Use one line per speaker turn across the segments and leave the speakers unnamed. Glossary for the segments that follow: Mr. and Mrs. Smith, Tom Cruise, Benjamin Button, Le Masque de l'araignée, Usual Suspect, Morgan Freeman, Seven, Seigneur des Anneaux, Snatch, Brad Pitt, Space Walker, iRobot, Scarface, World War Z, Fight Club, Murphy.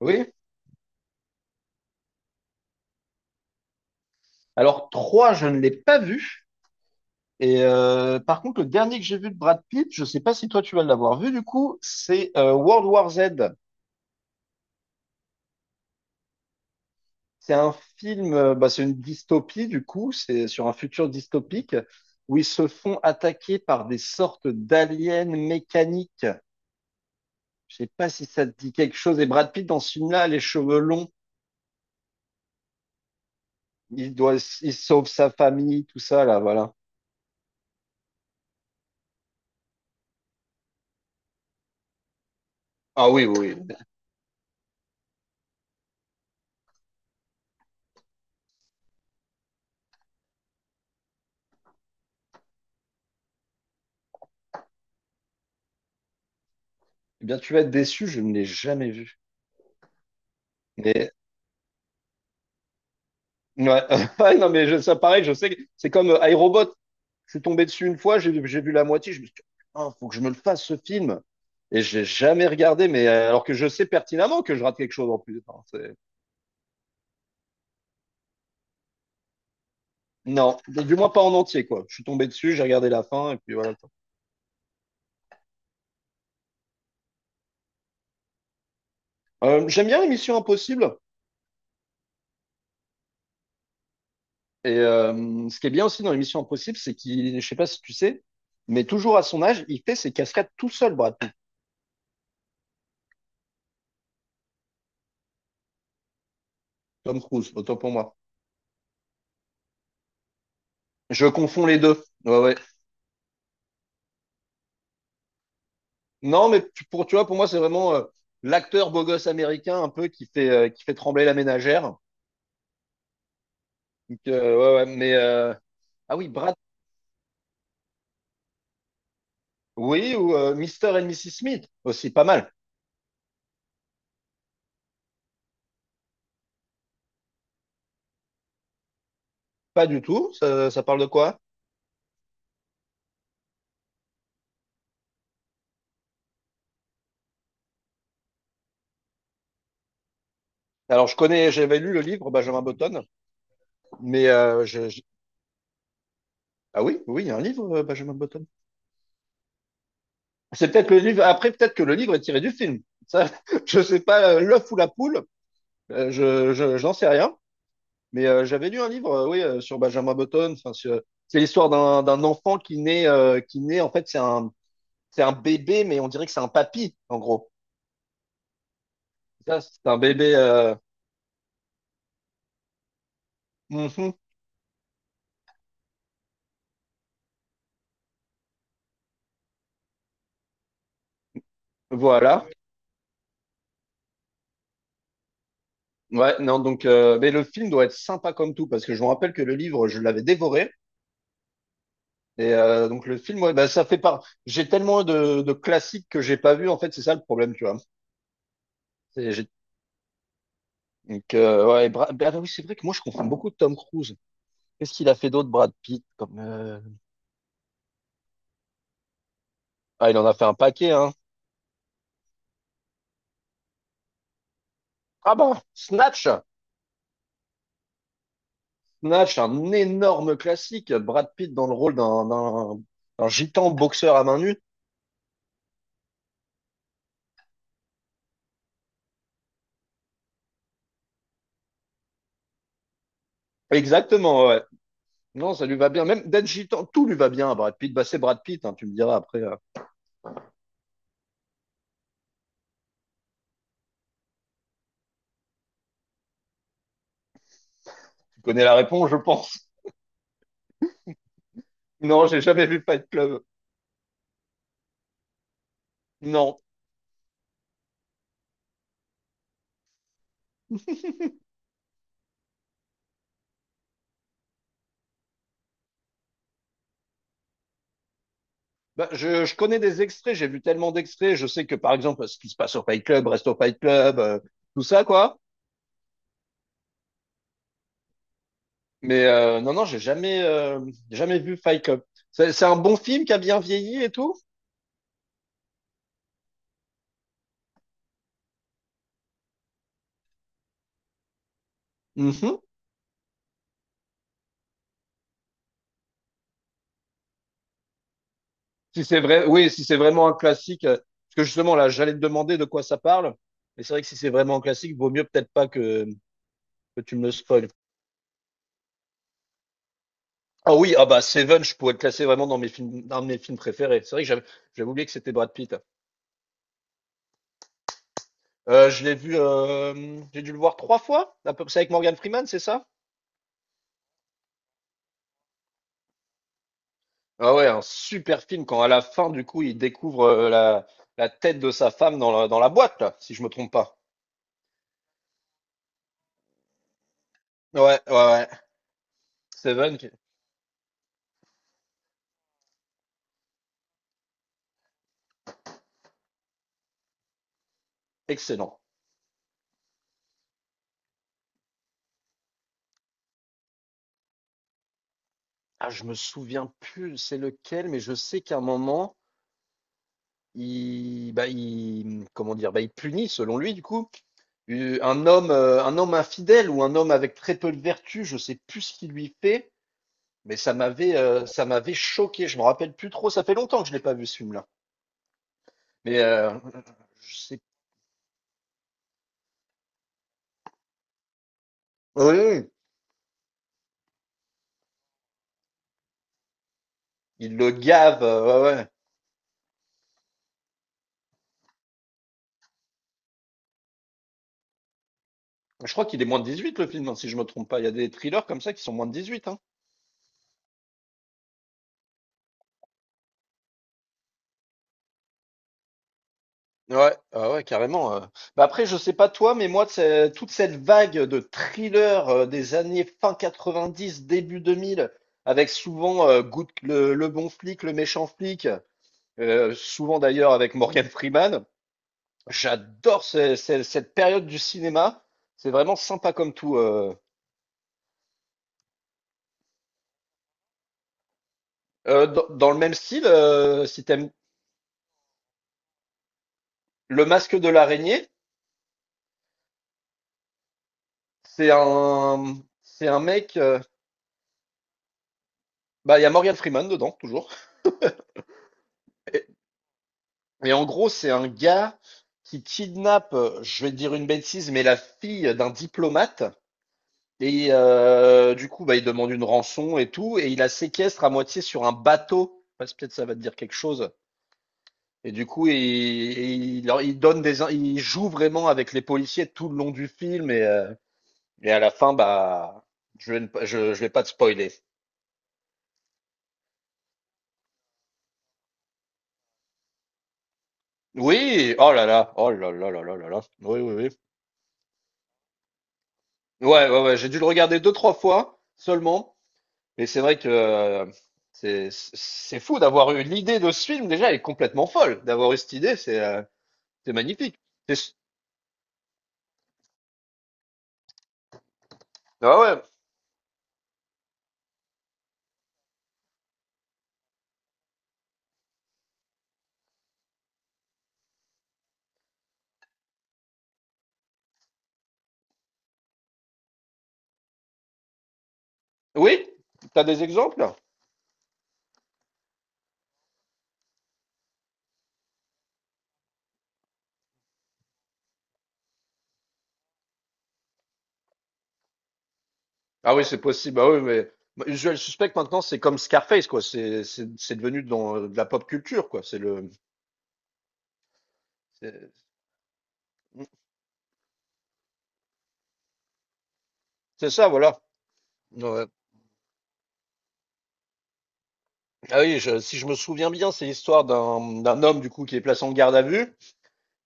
Oui. Alors, 3, je ne l'ai pas vu. Par contre, le dernier que j'ai vu de Brad Pitt, je sais pas si toi tu vas l'avoir vu du coup, c'est World War Z. C'est un film, bah, c'est une dystopie du coup, c'est sur un futur dystopique où ils se font attaquer par des sortes d'aliens mécaniques. Je sais pas si ça te dit quelque chose. Et Brad Pitt dans ce film-là, a les cheveux longs, il doit, il sauve sa famille, tout ça là, voilà. Ah oui, oui, oui. Eh bien, tu vas être déçu, je ne l'ai jamais vu. Mais ouais. Ouais, non, mais je- ça, pareil, je sais que c'est comme iRobot. Je suis tombé dessus une fois, j'ai vu la moitié, je me suis dit, oh, faut que je me le fasse ce film. Et j'ai jamais regardé, mais alors que je sais pertinemment que je rate quelque chose en plus. Enfin, c'est- non, du moins pas en entier, quoi. Je suis tombé dessus, j'ai regardé la fin, et puis voilà. J'aime bien l'émission Impossible. Ce qui est bien aussi dans l'émission Impossible, c'est qu'il, je sais pas si tu sais, mais toujours à son âge, il fait ses cascades tout seul, Brad Pitt. Tom Cruise, autant pour moi. Je confonds les deux. Ouais, ouais. Non, mais tu- pour, tu vois, pour moi, c'est vraiment l'acteur beau gosse américain un peu qui fait trembler la ménagère. Donc, ouais, ouais, ah oui, Brad, oui, ou Mr. and Mrs. Smith aussi, pas mal. Pas du tout, ça parle de quoi? Alors, je connais, j'avais lu le livre Benjamin Button, mais je- ah oui, oui, il y a un livre Benjamin Button. C'est peut-être le livre, après, peut-être que le livre est tiré du film. Ça, je sais pas, l'œuf ou la poule, je n'en sais rien. Mais j'avais lu un livre, oui, sur Benjamin Button. Enfin, sur- c'est l'histoire d'un enfant qui naît, qui naît. En fait, c'est un bébé, mais on dirait que c'est un papy, en gros. Ça, c'est un bébé. Mhm. Voilà. Ouais, non, donc, mais le film doit être sympa comme tout, parce que je me rappelle que le livre, je l'avais dévoré. Donc le film, ouais, bah, ça fait part. J'ai tellement de classiques que j'ai pas vu. En fait, c'est ça le problème, tu vois. C'est- j'ai- Donc, ouais, Bra- bah, oui, c'est vrai que moi, je confonds beaucoup de Tom Cruise. Qu'est-ce qu'il a fait d'autre, Brad Pitt, comme. Ah, il en a fait un paquet, hein. Ah ben, Snatch! Snatch, un énorme classique. Brad Pitt dans le rôle d'un gitan boxeur à main nue. Exactement, ouais. Non, ça lui va bien. Même d'être gitan, tout lui va bien à Brad Pitt. Bah, c'est Brad Pitt, hein, tu me diras après. Tu connais la réponse, je pense. Non, j'ai jamais vu Fight Club. Non. Bah, je connais des extraits, j'ai vu tellement d'extraits. Je sais que, par exemple, ce qui se passe au Fight Club reste au Fight Club, tout ça, quoi. Mais non, non, j'ai jamais, jamais vu Fight Club. C'est un bon film qui a bien vieilli et tout? Mhm. Si c'est vrai, oui, si c'est vraiment un classique, parce que justement là, j'allais te demander de quoi ça parle, mais c'est vrai que si c'est vraiment un classique, vaut mieux peut-être pas que, que tu me le spoil. Ah oui, ah bah Seven, je pourrais le classer vraiment dans mes films préférés. C'est vrai que j'avais, j'avais oublié que c'était Brad Pitt. Je l'ai vu, j'ai dû le voir trois fois, à peu près avec Morgan Freeman, c'est ça? Ah ouais, un super film quand à la fin du coup il découvre la, la tête de sa femme dans la boîte là, si je me trompe pas. Ouais, ouais, ouais. Seven, qui- excellent. Ah, je me souviens plus c'est lequel, mais je sais qu'à un moment, il, bah, il, comment dire, bah, il punit, selon lui, du coup, eu- un homme infidèle ou un homme avec très peu de vertu, je sais plus ce qu'il lui fait, mais ça m'avait choqué. Je me rappelle plus trop. Ça fait longtemps que je l'ai pas vu ce film-là. Mais je sais. Oui, oui, il le gave. Ouais, ouais. Je crois qu'il est moins de 18 le film, hein, si je me trompe pas. Il y a des thrillers comme ça qui sont moins de 18, hein. Ouais, ah ouais, carrément. Bah après, je sais pas toi, mais moi, c'est- toute cette vague de thrillers des années fin 90, début 2000, avec souvent Good- le bon flic, le méchant flic, souvent d'ailleurs avec Morgan Freeman, j'adore ce- ce- cette période du cinéma. C'est vraiment sympa comme tout. Dans, dans le même style, si t'aimes Le Masque de l'araignée, c'est un, c'est un mec. Bah, il y a Morgan Freeman dedans, toujours. Et en gros, c'est un gars qui kidnappe, je vais dire une bêtise, mais la fille d'un diplomate. Du coup, bah, il demande une rançon et tout. Et il la séquestre à moitié sur un bateau. Parce que peut-être ça va te dire quelque chose. Et du coup, il, leur- il donne des, in- il joue vraiment avec les policiers tout le long du film. Et à la fin, bah, je vais, ne pas- je vais pas te spoiler. Oui, oh là là, oh là là là là là là. Oui, oui, oui. Ouais, ouais, ouais, j'ai dû le regarder deux, trois fois seulement. Mais c'est vrai que c'est fou d'avoir eu l'idée de ce film déjà, elle est complètement folle. D'avoir eu cette idée, c'est magnifique. C'est- Ah ouais. Oui? T'as des exemples? Ah oui, c'est possible. Ah oui, mais Usual Suspect maintenant, c'est comme Scarface, quoi. C'est devenu dans de la pop culture, quoi. C'est le c'est c'est ça, voilà. Ouais. Ah oui, je- si je me souviens bien, c'est l'histoire d'un homme du coup qui est placé en garde à vue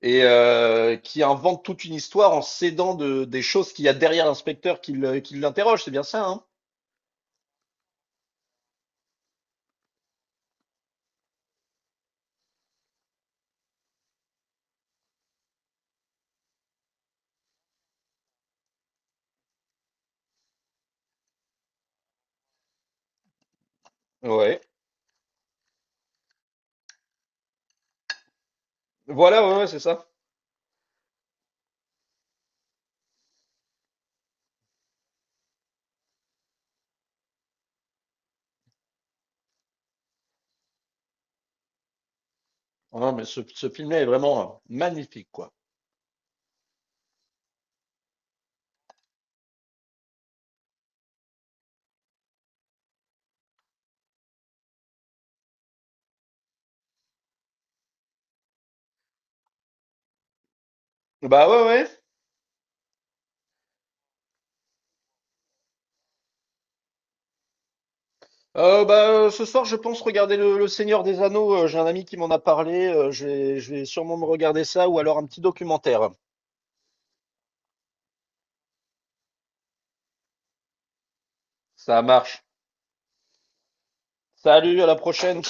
qui invente toute une histoire en s'aidant de, des choses qu'il y a derrière l'inspecteur qui le- qui l'interroge. C'est bien ça, hein? Ouais. Voilà, ouais, ouais, c'est ça. Ah, mais ce film-là est vraiment magnifique, quoi. Bah ouais, ouais. Bah, ce soir, je pense regarder le Seigneur des Anneaux. J'ai un ami qui m'en a parlé. Je vais, je vais sûrement me regarder ça ou alors un petit documentaire. Ça marche. Salut, à la prochaine.